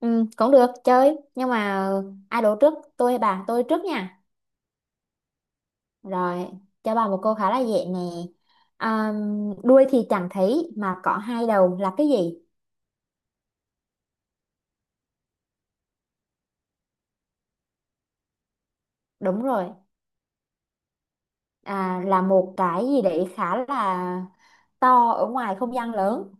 Ừ, cũng được chơi nhưng mà ai đổ trước tôi hay bà tôi trước nha. Rồi, cho bà một câu khá là dễ nè. À, đuôi thì chẳng thấy mà có hai đầu là cái gì? Đúng rồi. À, là một cái gì đấy khá là to ở ngoài không gian lớn.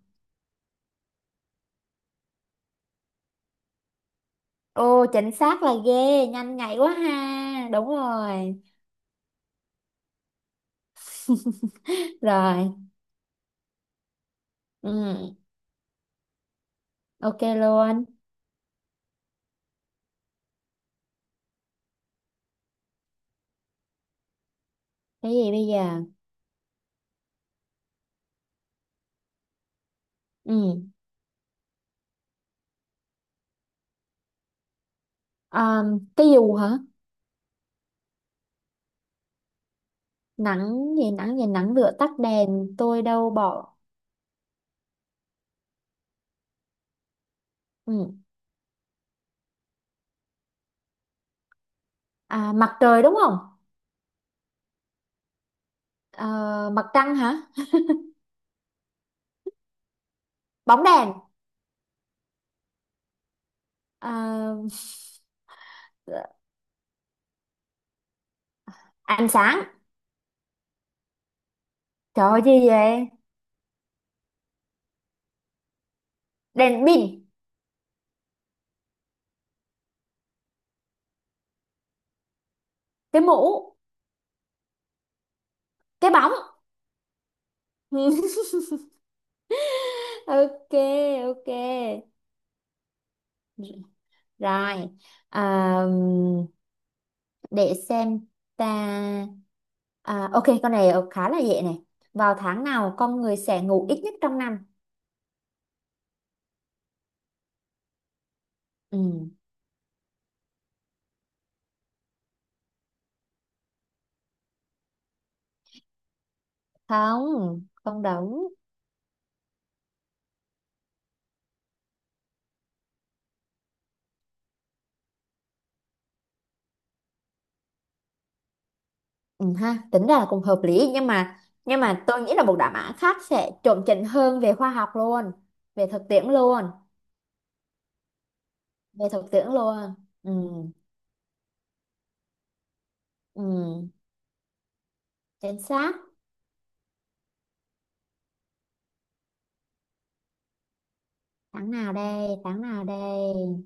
Ô, chính xác, là ghê, nhanh nhạy quá ha, đúng rồi. Rồi. Ừ, ok luôn. Cái gì bây giờ? Ừ. À, cái dù hả? Nắng gì, nắng gì, nắng lửa tắt đèn tôi đâu bỏ. Ừ. À, mặt trời đúng không? Ờ, mặt trăng hả? Bóng đèn, à, ánh sáng. Trời ơi, gì vậy? Đèn pin, cái mũ, cái bóng. Ok, ok. Rồi. À, để xem ta. À, ok, con này khá là dễ này. Vào tháng nào con người sẽ ngủ ít nhất trong năm? Ừ. Không, không đúng. Ừ, ha, tính ra là cũng hợp lý nhưng mà tôi nghĩ là một đáp án khác sẽ chuẩn chỉnh hơn về khoa học luôn, về thực tiễn luôn, về thực tiễn luôn. Ừ, ừ, chính xác. Tháng nào đây, tháng nào đây?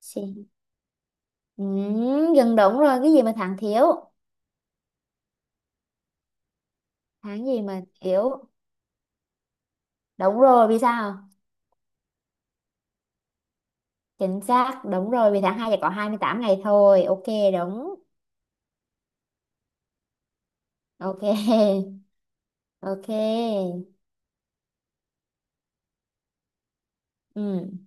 Xin. Ừ, gần đúng rồi, cái gì mà tháng thiếu? Tháng gì mà thiếu? Đúng rồi, vì sao? Chính xác, đúng rồi, vì tháng 2 chỉ có 28 ngày thôi. Ok, đúng. Ok. Ok. Ừ.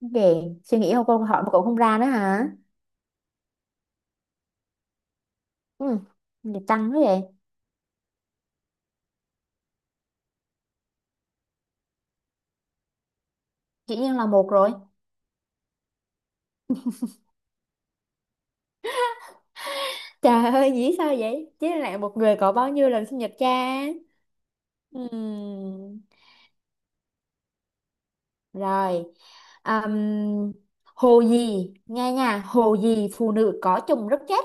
Để suy nghĩ không, câu hỏi mà cậu không ra nữa hả? Ừ, vậy tăng thế vậy. Dĩ nhiên là một rồi. Trời ơi, dĩ sao vậy? Chứ lại một người có bao nhiêu lần sinh nhật cha? Ừm. Rồi. Ừm, hồ gì? Nghe nha, hồ gì phụ nữ có chồng rất chết?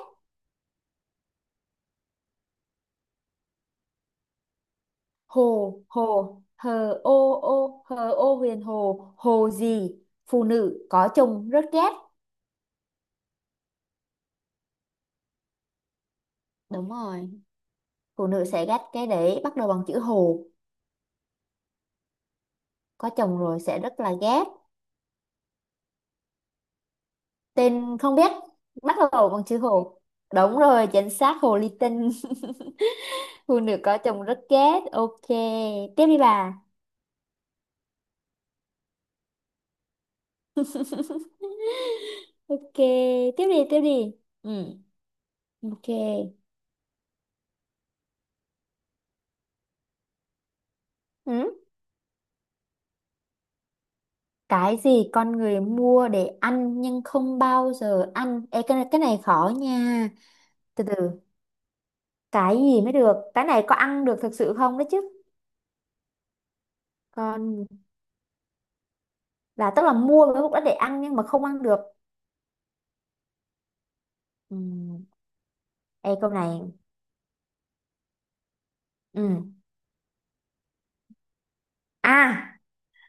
Hồ, hồ, hờ ô ô, hờ ô huyền hồ, hồ gì? Phụ nữ có chồng rất ghét. Đúng rồi, phụ nữ sẽ ghét cái đấy bắt đầu bằng chữ hồ. Có chồng rồi sẽ rất là ghét. Tên không biết, bắt đầu bằng chữ hồ. Đúng rồi, chính xác hồ ly tinh. Phụ nữ có chồng rất ghét. Ok, tiếp đi bà. Ok, tiếp đi, tiếp đi. Ừ, ok. Ừ. Cái gì con người mua để ăn nhưng không bao giờ ăn? Ê, cái này khó nha. Từ từ, cái gì mới được? Cái này có ăn được thực sự không đấy chứ? Còn là tức là mua với mục đích để ăn nhưng mà không ăn được. Ừ. Ê, câu này. Ừ. À,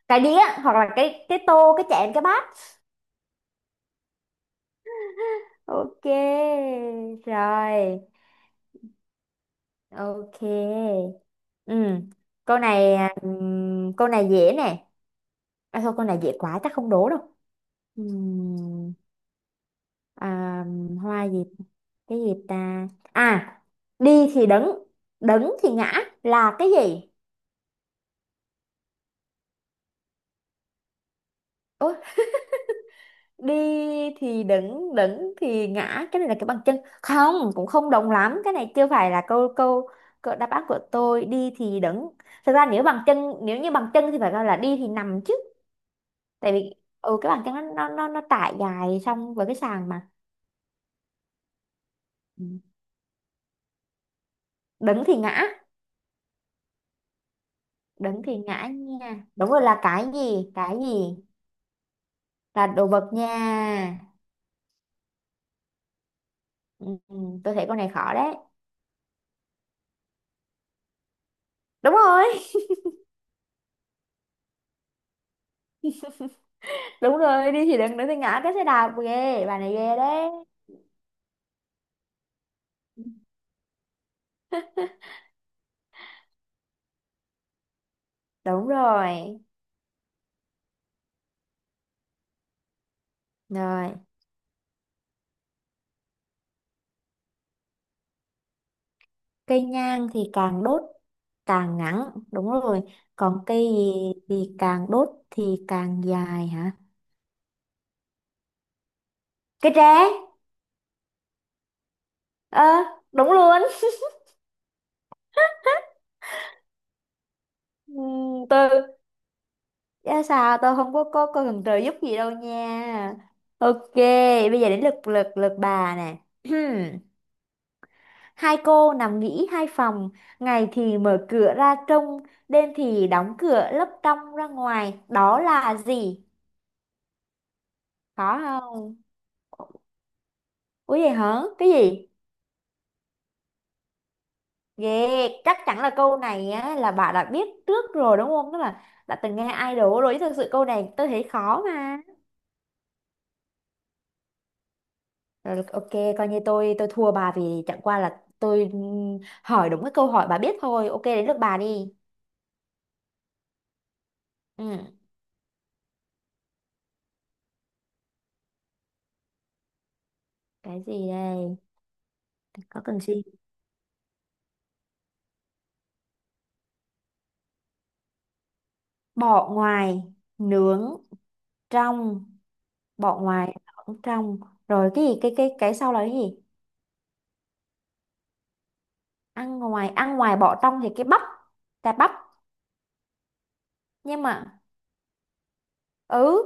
cái đĩa hoặc là cái tô, cái chén, cái bát. Ok. Rồi. Ok. Ừ. Câu này à, câu này dễ nè. À, thôi câu này dễ quá chắc không đố đâu. Ừm, à, hoa gì, cái gì ta? À, đi thì đứng, đứng thì ngã là cái gì? Ôi, đi thì đứng, đứng thì ngã, cái này là cái bằng chân. Không, cũng không đồng lắm, cái này chưa phải là câu câu, câu đáp án của tôi. Đi thì đứng, thực ra nếu bằng chân, nếu như bằng chân thì phải gọi là đi thì nằm chứ. Tại vì, ừ, cái bàn chân nó trải dài xong với cái sàn mà. Ừ. Đứng thì ngã, đứng thì ngã nha, đúng rồi, là cái gì? Cái gì, là đồ vật nha. Ừ, ừ, tôi thấy con này khó đấy. Đúng rồi. Đúng rồi, đi thì đứng, đứng thì ngã, cái xe đạp. Ghê, bà này ghê đấy. Đúng rồi. Rồi, cây nhang thì càng đốt càng ngắn, đúng rồi. Còn cây gì thì càng đốt thì càng dài hả? Cây tre. Ờ, đúng luôn. Tôi. Dạ, sao tôi không có cần trợ giúp gì đâu nha. Ok, bây giờ đến lượt lượt lượt bà nè. Hai cô nằm nghỉ hai phòng, ngày thì mở cửa ra trông, đêm thì đóng cửa lấp trong ra ngoài. Đó là gì? Có không? Ủa vậy hả? Cái gì? Ghê, chắc chắn là câu này á, là bà đã biết trước rồi đúng không? Tức là đã từng nghe idol rồi, chứ thực sự câu này tôi thấy khó mà. Rồi ok, coi như tôi thua bà vì chẳng qua là tôi hỏi đúng cái câu hỏi bà biết thôi. Ok, đến lượt bà đi. Ừ, cái gì đây? Có cần gì? Bỏ ngoài, nướng trong, bỏ ngoài, nướng trong. Rồi cái gì? Cái sau là cái gì? Ăn ngoài bỏ trong thì cái bắp, cà bắp. Nhưng mà ừ.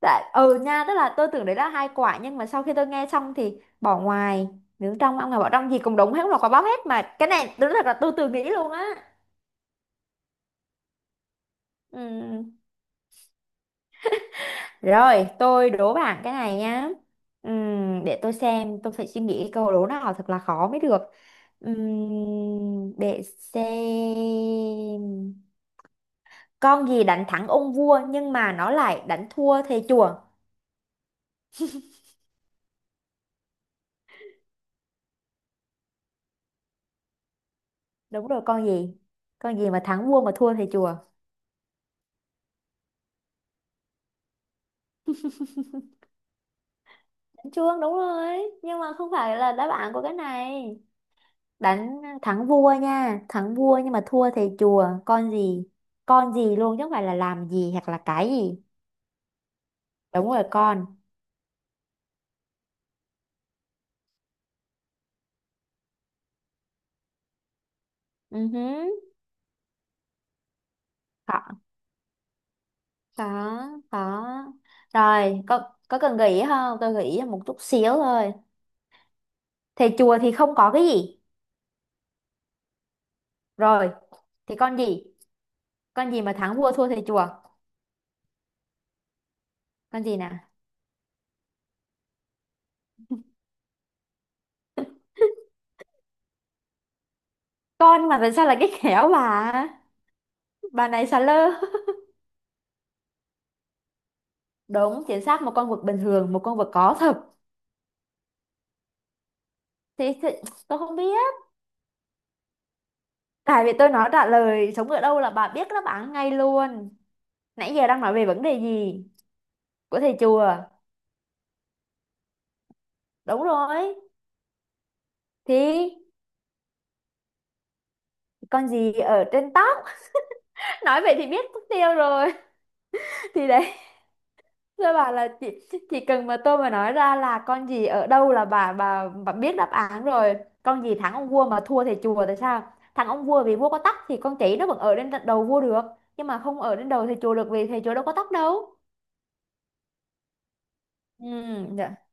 Tại, ừ nha, tức là tôi tưởng đấy là hai quả nhưng mà sau khi tôi nghe xong thì bỏ ngoài, nướng trong, ăn ngoài bỏ trong, gì cũng đúng hết, không là quả bóp hết mà, cái này đúng thật là tôi tự nghĩ luôn á. Ừm, Rồi tôi đố bạn cái này nhá. Để tôi xem, tôi phải suy nghĩ câu đố nào thật là khó mới được. Để xem, con gì đánh thắng ông vua nhưng mà nó lại đánh thua thầy chùa? Đúng rồi, con gì? Con gì mà thắng vua mà thua thầy chùa? Chuông, đúng rồi nhưng mà không phải là đáp án của cái này. Đánh thắng vua nha, thắng vua nhưng mà thua thầy chùa, con gì? Con gì luôn chứ không phải là làm gì hoặc là cái gì? Đúng rồi, con. Ừ hứ. Có, có, có. Rồi, có cần gợi ý không, tôi gợi ý là một chút xíu thôi. Thầy chùa thì không có cái gì? Rồi, thì con gì? Con gì mà thắng vua thua thầy chùa? Con gì nè? Con, mà tại sao là cái khéo bà? Bà này xà lơ. Đúng, chính xác một con vật bình thường, một con vật có thật. Thì, tôi không biết. Tại vì tôi nói trả lời sống ở đâu là bà biết đáp án ngay luôn. Nãy giờ đang nói về vấn đề gì? Của thầy chùa. Đúng rồi. Thì con gì ở trên tóc? Nói vậy thì biết mất tiêu rồi. Thì đấy. Thưa bà là chị chỉ cần mà tôi mà nói ra là con gì ở đâu là bà biết đáp án rồi. Con gì thắng ông vua mà thua thầy chùa, tại sao? Thắng ông vua vì vua có tóc thì con chỉ nó vẫn ở đến đầu vua được, nhưng mà không ở đến đầu thầy chùa được vì thầy chùa đâu có tóc đâu. Ừ, dạ.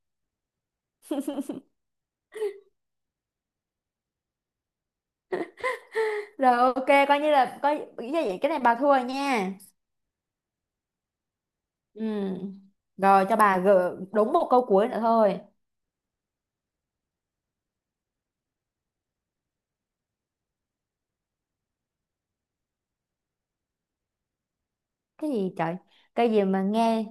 Rồi ok, coi như là coi ý là vậy, cái này bà thua rồi nha. Ừ. Rồi cho bà gỡ đúng một câu cuối nữa thôi. Cái gì trời? Cái gì mà nghe,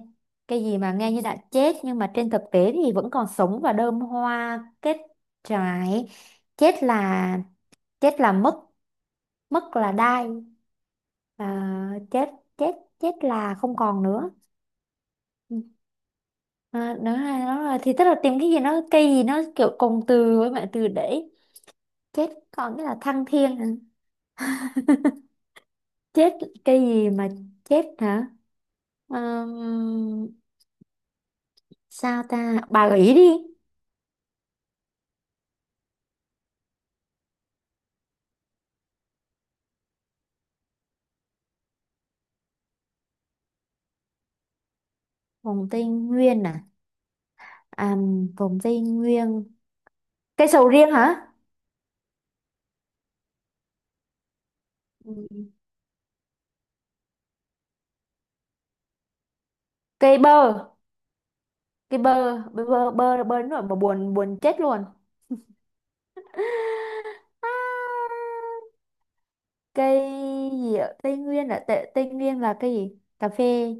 cái gì mà nghe như đã chết nhưng mà trên thực tế thì vẫn còn sống và đơm hoa kết trái? Chết là chết là mất, mất là đai. À, chết, chết, chết là không còn nữa. Ừ. À, nữa là, nó là thì tức là tìm cái gì, nó cây gì, nó kiểu cùng từ với bạn từ để chết còn cái là thăng thiên hả? Chết, cây gì mà chết hả? Ừm, Sao ta? Bà gợi ý đi. Vùng Tây Nguyên à? À, vùng Tây Nguyên. Cây sầu riêng hả? Ừ. Cây bơ. Cây bơ. Bơ, bơ, bơ, bơ đến nỗi mà buồn, buồn chết luôn. À, cây gì ạ? Tây Nguyên là cây gì? Cà phê.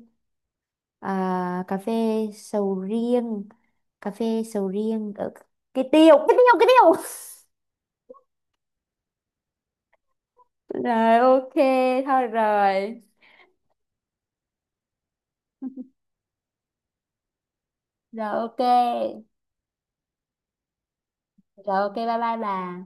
À, cà phê sầu riêng. Cà phê sầu riêng. Ở... Cây tiêu. Cây tiêu, cây tiêu. Rồi, ok. Thôi rồi. Rồi, ok. Rồi, ok. Bye bye bà.